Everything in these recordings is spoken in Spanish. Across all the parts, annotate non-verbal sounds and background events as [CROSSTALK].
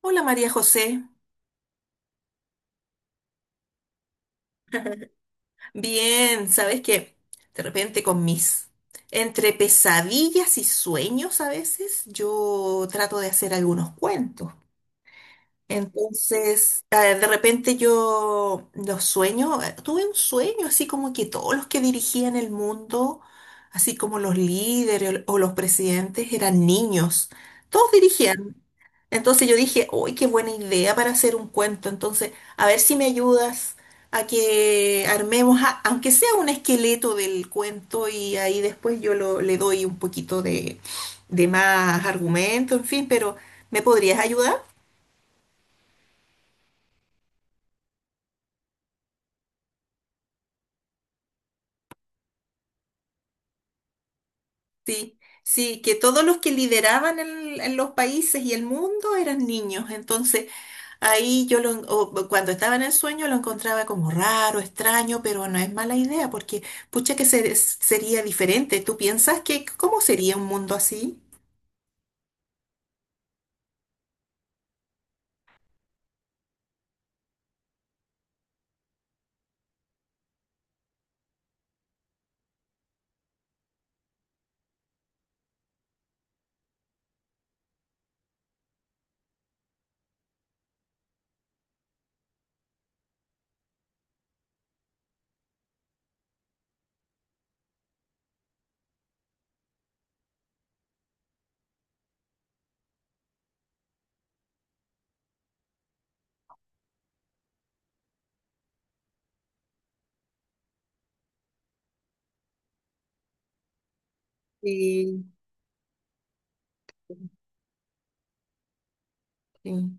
Hola María José, bien, ¿sabes que... De repente con mis, entre pesadillas y sueños a veces, yo trato de hacer algunos cuentos. Entonces, a ver, de repente yo los sueños, tuve un sueño así como que todos los que dirigían el mundo, así como los líderes o los presidentes, eran niños, todos dirigían. Entonces yo dije, uy, qué buena idea para hacer un cuento, entonces, a ver si me ayudas a que armemos, aunque sea un esqueleto del cuento y ahí después yo le doy un poquito de más argumento, en fin, pero ¿me podrías ayudar? Sí, sí, que todos los que lideraban en los países y el mundo eran niños. Entonces, ahí o cuando estaba en el sueño lo encontraba como raro, extraño, pero no es mala idea porque, pucha, sería diferente. ¿Tú piensas que cómo sería un mundo así? Sí.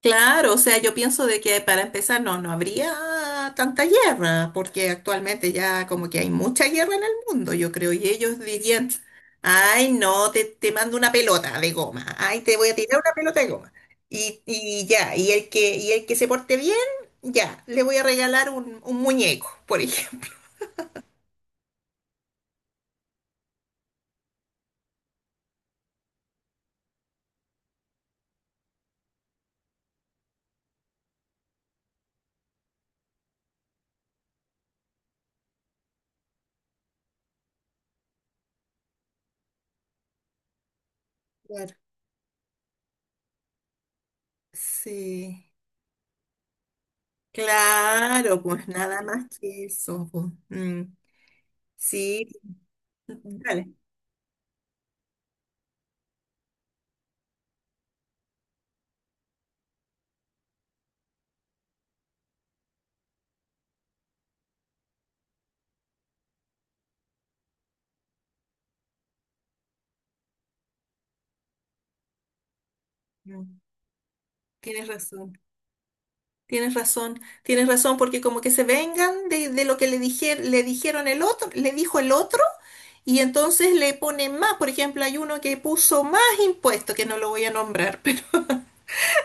Claro, o sea, yo pienso de que para empezar no habría tanta guerra, porque actualmente ya como que hay mucha guerra en el mundo, yo creo, y ellos dirían, ay, no, te mando una pelota de goma, ay, te voy a tirar una pelota de goma. Y ya, y el que se porte bien, ya, le voy a regalar un muñeco, por ejemplo. Claro. Sí. Claro, pues nada más que eso, pues. Mm. Sí, dale. Mm. Tienes razón. Tienes razón, tienes razón, porque como que se vengan de lo que le dijeron el otro, le dijo el otro, y entonces le ponen más. Por ejemplo, hay uno que puso más impuestos, que no lo voy a nombrar, [LAUGHS] pero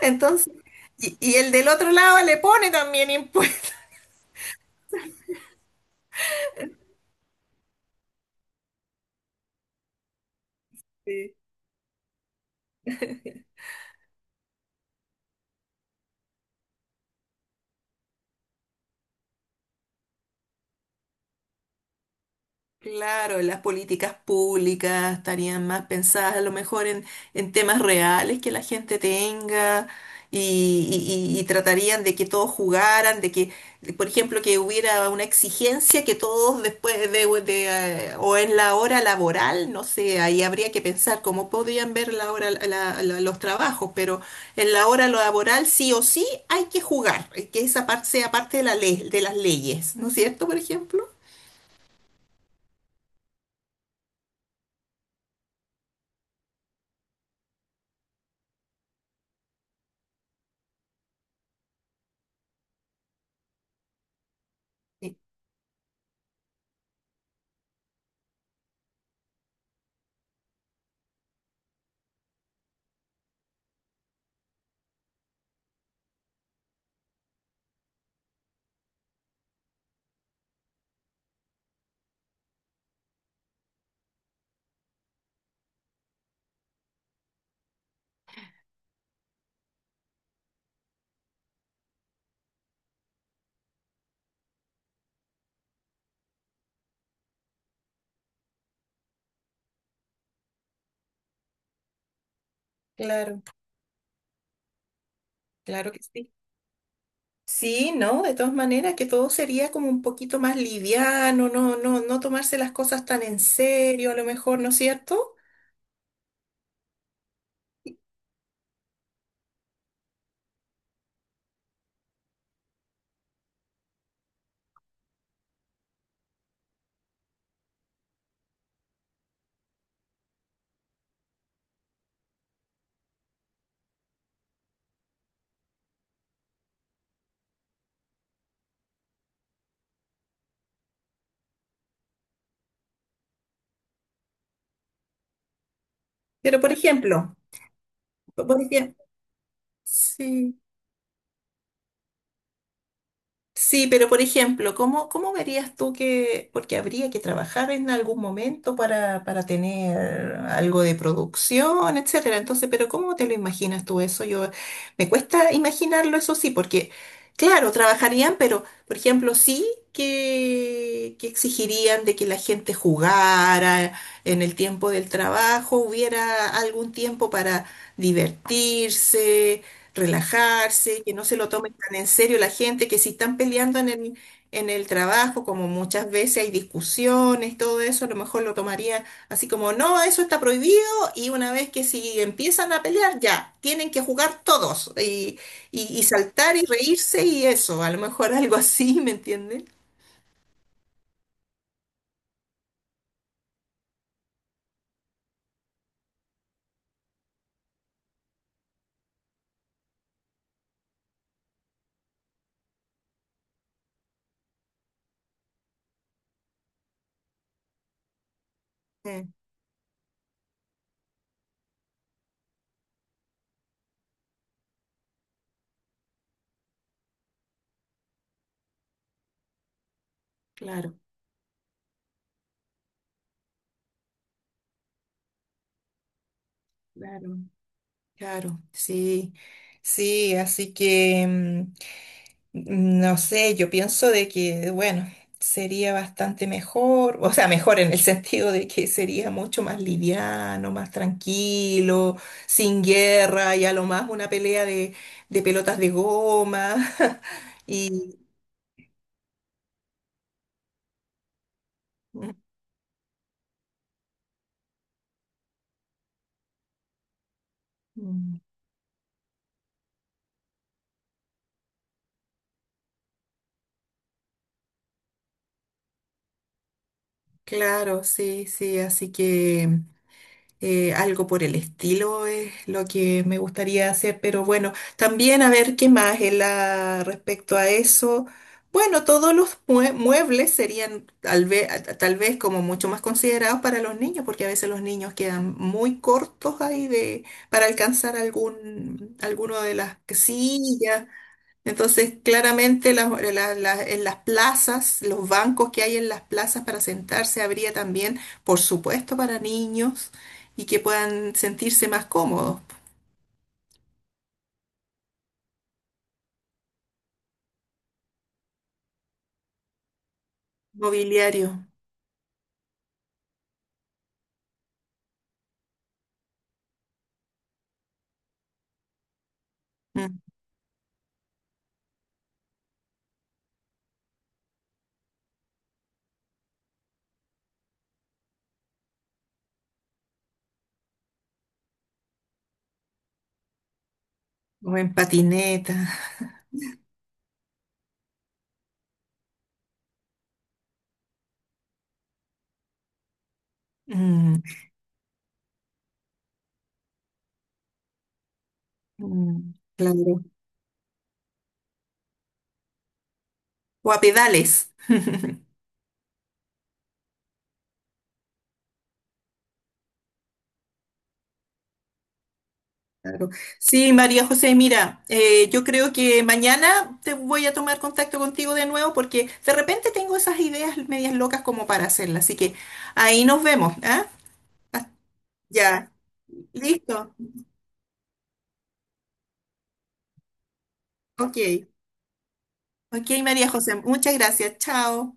entonces, y el del otro lado le pone también impuestos. Claro, las políticas públicas estarían más pensadas a lo mejor en temas reales que la gente tenga y, y tratarían de que todos jugaran, de que, por ejemplo, que hubiera una exigencia que todos después de, o en la hora laboral, no sé, ahí habría que pensar cómo podrían ver la hora, los trabajos, pero en la hora laboral sí o sí hay que jugar, que esa parte sea parte de la ley, de las leyes, ¿no es cierto, por ejemplo? Sí. Claro. Claro que sí. Sí, no, de todas maneras, que todo sería como un poquito más liviano, no, no, no tomarse las cosas tan en serio, a lo mejor, ¿no es cierto? Pero por ejemplo, sí. Sí, pero por ejemplo, ¿cómo, cómo verías tú que, porque habría que trabajar en algún momento para tener algo de producción, etcétera? Entonces, pero ¿cómo te lo imaginas tú eso? Yo, me cuesta imaginarlo, eso sí, porque, claro, trabajarían, pero, por ejemplo, sí que exigirían de que la gente jugara en el tiempo del trabajo, hubiera algún tiempo para divertirse, relajarse, que no se lo tomen tan en serio la gente, que si están peleando en el trabajo, como muchas veces hay discusiones, todo eso, a lo mejor lo tomaría así como, no, eso está prohibido y una vez que si empiezan a pelear, ya, tienen que jugar todos y y saltar y reírse y eso, a lo mejor [LAUGHS] algo así, ¿me entienden? Eh, claro, claro, claro, sí, sí, así que... mm. No sé, yo pienso de que, bueno, sería bastante mejor, o sea, mejor en el [LAUGHS] sentido de que sería mucho más liviano, más tranquilo, sin guerra y a lo más una pelea de pelotas de goma. [LAUGHS] Y mm, mm, claro, sí, sí, así que... algo por el estilo es lo que me gustaría hacer, pero bueno, también a ver qué más en respecto a eso. Bueno, todos los muebles serían tal vez como mucho más considerados para los niños, porque a veces los niños quedan muy cortos ahí de, para alcanzar algún, alguno de las sillas. Entonces, claramente en las plazas, los bancos que hay en las plazas para sentarse, habría también, por supuesto, para niños y que puedan sentirse más cómodos. Mobiliario, mm, o en patineta, mm, mm, claro, o a pedales. [LAUGHS] Claro. Sí, María José, mira, yo creo que mañana te voy a tomar contacto contigo de nuevo porque de repente tengo esas ideas medias locas como para hacerlas. Así que ahí nos vemos, ¿ah? Ya, listo. Ok. Ok, María José, muchas gracias. Chao.